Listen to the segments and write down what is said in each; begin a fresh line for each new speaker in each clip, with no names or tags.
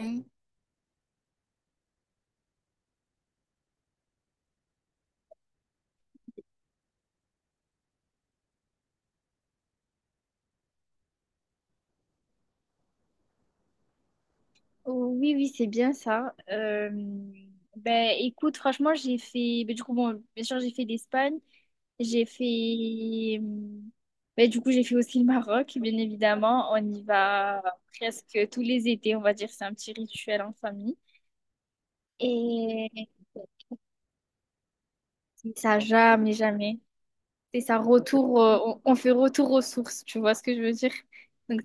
Mm. Oui, oui, c'est bien ça. Ben, écoute, franchement, j'ai fait. Ben, du coup, bon, bien sûr, j'ai fait l'Espagne. J'ai fait. Ben, du coup, j'ai fait aussi le Maroc, bien évidemment. On y va presque tous les étés, on va dire. C'est un petit rituel en famille. Et c'est ça, jamais, jamais. C'est ça, retour. On fait retour aux sources, tu vois ce que je veux dire? Donc,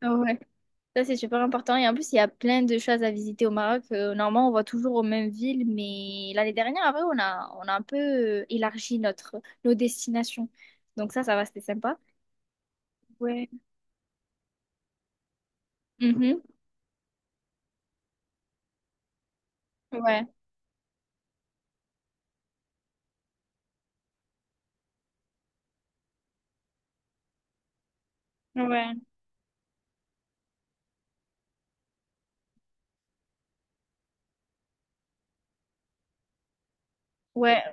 ça, ouais. Ça, c'est super important. Et en plus, il y a plein de choses à visiter au Maroc. Normalement, on va toujours aux mêmes villes, mais l'année dernière, après, on a un peu élargi notre, nos destinations. Donc ça va, c'était sympa. Ouais. Mhm. Ouais. Ouais. Ouais.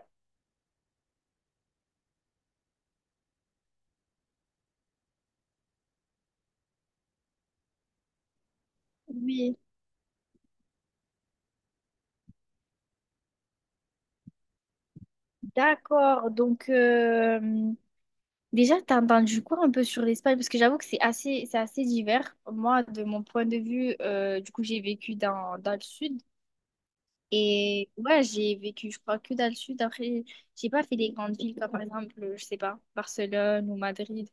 Oui. D'accord. Donc, déjà, t'as entendu quoi un peu sur l'Espagne? Parce que j'avoue que c'est assez divers. Moi, de mon point de vue, du coup, j'ai vécu dans le sud. Et ouais, j'ai vécu, je crois, que dans le sud. Après, j'ai pas fait des grandes villes, comme par exemple, je sais pas, Barcelone ou Madrid.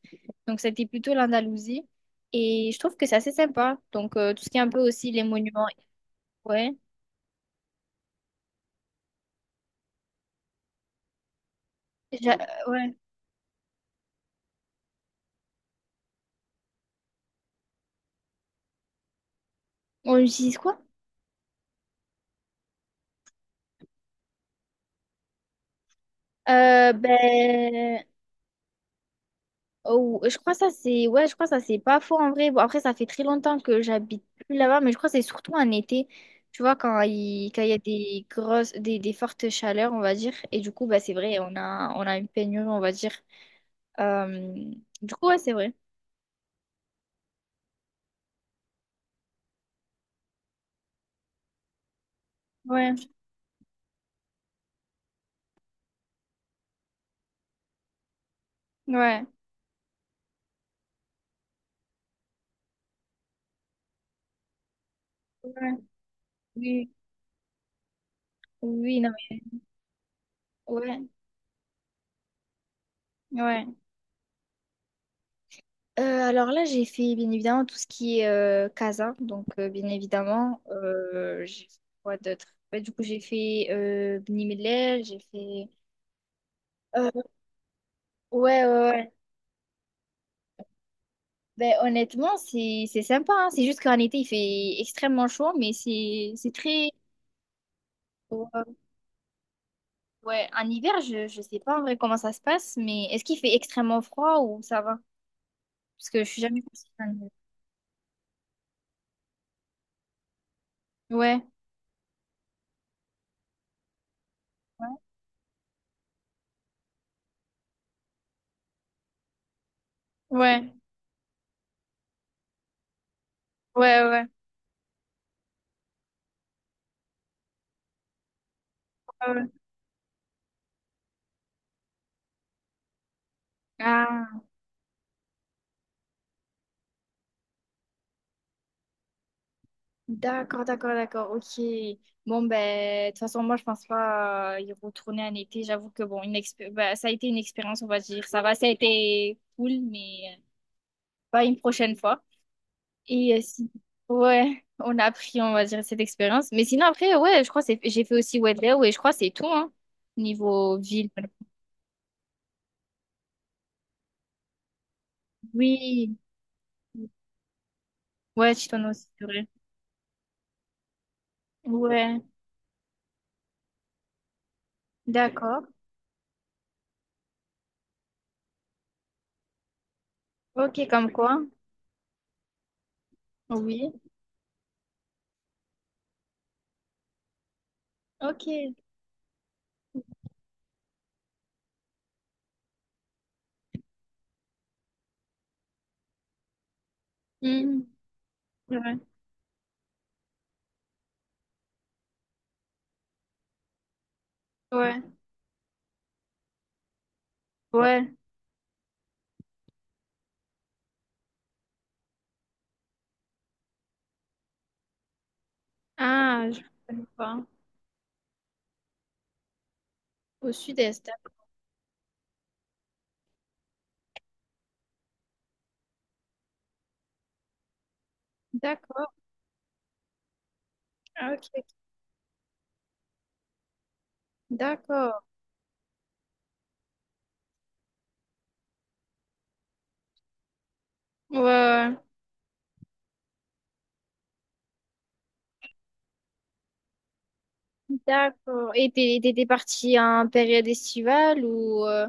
Donc, c'était plutôt l'Andalousie. Et je trouve que c'est assez sympa. Donc, tout ce qui est un peu aussi les monuments. Ouais. J'a- Ouais. On utilise quoi? Ben, oh, je crois ça c'est ouais, je crois ça c'est pas faux en vrai. Bon, après ça fait très longtemps que j'habite plus là-bas, mais je crois que c'est surtout en été. Tu vois quand il y a des grosses des fortes chaleurs, on va dire, et du coup bah c'est vrai, on a une pénurie, on va dire. Euh, du coup, ouais, c'est vrai. Ouais. Ouais. Ouais. Oui. Oui, non mais ouais. Ouais. Alors là, j'ai fait bien évidemment tout ce qui est Casa. Donc, bien évidemment, j'ai fait quoi d'autre? Ouais, du coup, j'ai fait Bni Mellal, j'ai fait. Euh, ouais, ouais, ouais. Ben, honnêtement, c'est sympa, hein. C'est juste qu'en été, il fait extrêmement chaud, mais c'est très. Ouais, ouais. En hiver, je sais pas en vrai comment ça se passe, mais est-ce qu'il fait extrêmement froid ou ça va? Parce que je suis jamais partie en hiver. Ouais, ouais, ouais, ouais. Ouais. Ah. D'accord, d'accord, d'accord, ok. Bon, ben, de toute façon, moi, je pense pas y retourner en été. J'avoue que, bon, ben, ça a été une expérience, on va dire. Ça va, ça a été cool, mais pas une prochaine fois. Et si... Ouais, on a appris, on va dire, cette expérience. Mais sinon, après, ouais, je crois que j'ai fait aussi Wedlow, ouais, je crois que c'est tout, hein, niveau ville. Oui, ouais, Chitono aussi, c'est vrai. Ouais, d'accord. Ok, comme quoi? Oui, ok. Mhm. Ouais, ouais. Ouais. Ah, je connais pas. Au sud-est. D'accord. Ah, ok, ok. D'accord. Ouais, ouais. D'accord. Et t'étais partie en période estivale ou...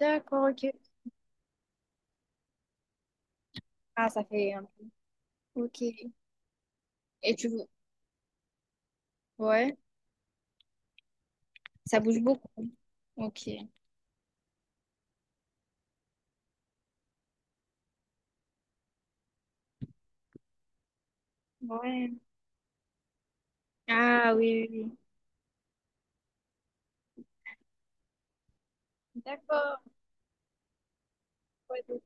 D'accord, ok. Ah, ça fait... Ok. Et tu... Ouais. Ça bouge beaucoup. Ok. Ouais. Ah, oui, oui, oui. D'accord. Ouais,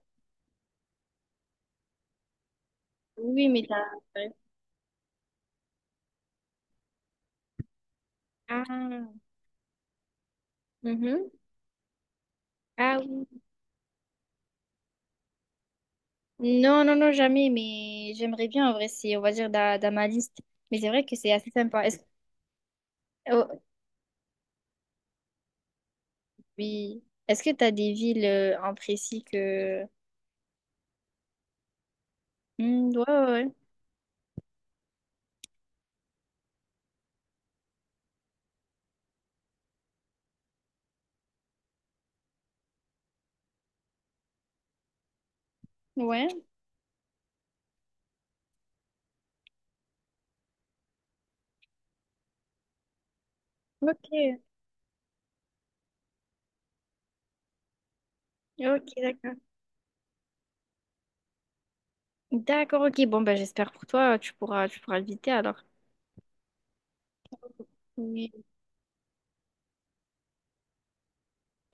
Oui, mais t'as... ouais. Ah, mhm. Ah oui. Non, non, non, jamais, mais j'aimerais bien, en vrai, c'est, on va dire, dans ma liste. Mais c'est vrai que c'est assez sympa. Est-ce- Oui. Est-ce que tu as des villes en précis que... Hmm, ouais, ouais, ouais. Ouais. Ok. Ok, d'accord. D'accord, ok. Bon, bah, j'espère pour toi, tu pourras éviter alors. Oui.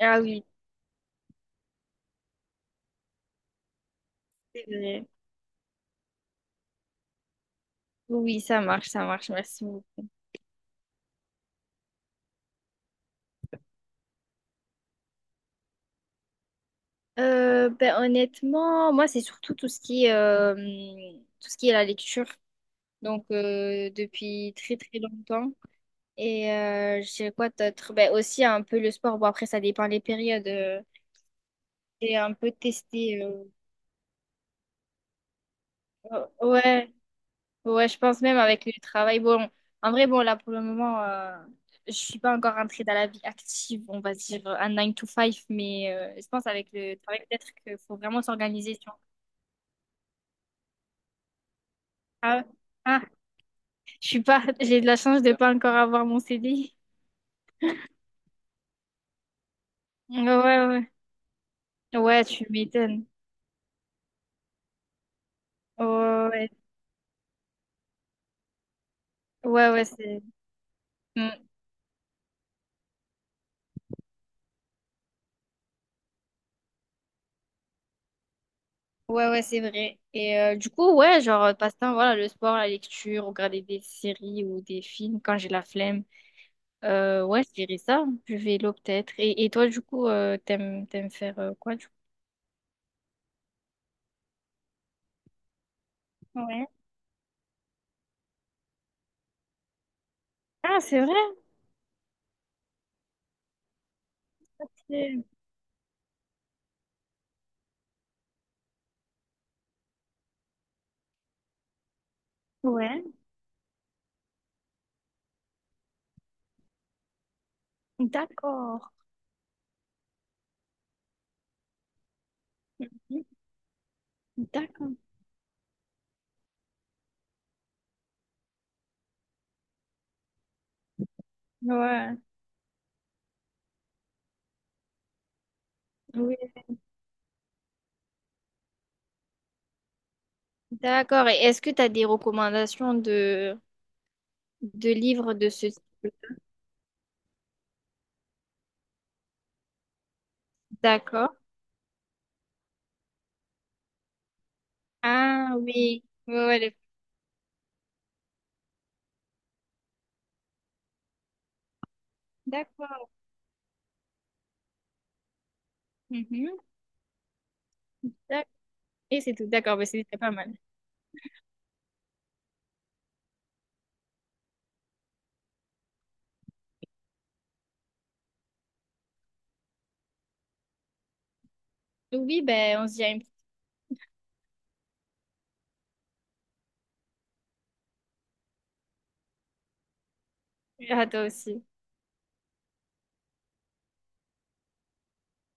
Ah oui, c'est vrai. Oui, ça marche, ça marche. Merci beaucoup. Ben, honnêtement, moi, c'est surtout tout ce qui est, tout ce qui est la lecture. Donc, depuis très, très longtemps. Et je dirais quoi d'autre? Ben, aussi un peu le sport. Bon, après, ça dépend des périodes. J'ai un peu testé. Oh, ouais, ouais, je pense même avec le travail. Bon, en vrai, bon, là, pour le moment, je suis pas encore rentrée dans la vie active, on va dire, un 9 to 5, mais je pense avec le travail, peut-être qu'il faut vraiment s'organiser, tu vois. Ah, ah, je suis pas, j'ai de la chance de pas encore avoir mon CDI. Ouais, ouais, ouais, ouais, tu m'étonnes. Ouais, ouais, ouais, ouais, c'est Mm. Ouais, ouais, c'est vrai. Et du coup, ouais, genre, passe-temps, voilà, le sport, la lecture, regarder des séries ou des films quand j'ai la flemme. Ouais, je dirais ça, du vélo peut-être. Et toi, du coup, t'aimes faire quoi, du coup? Ouais. Ah, c'est vrai. c'est- Ouais. D'accord. D'accord. Ouais. Oui. D'accord. Et est-ce que tu as des recommandations de livres de ce type? D'accord. Ah oui. Ouais, ouais, D'accord. Mhm. D'ac- Et c'est tout. D'accord, bah, c'est déjà pas mal. Oui, ben on se dit à à toi aussi.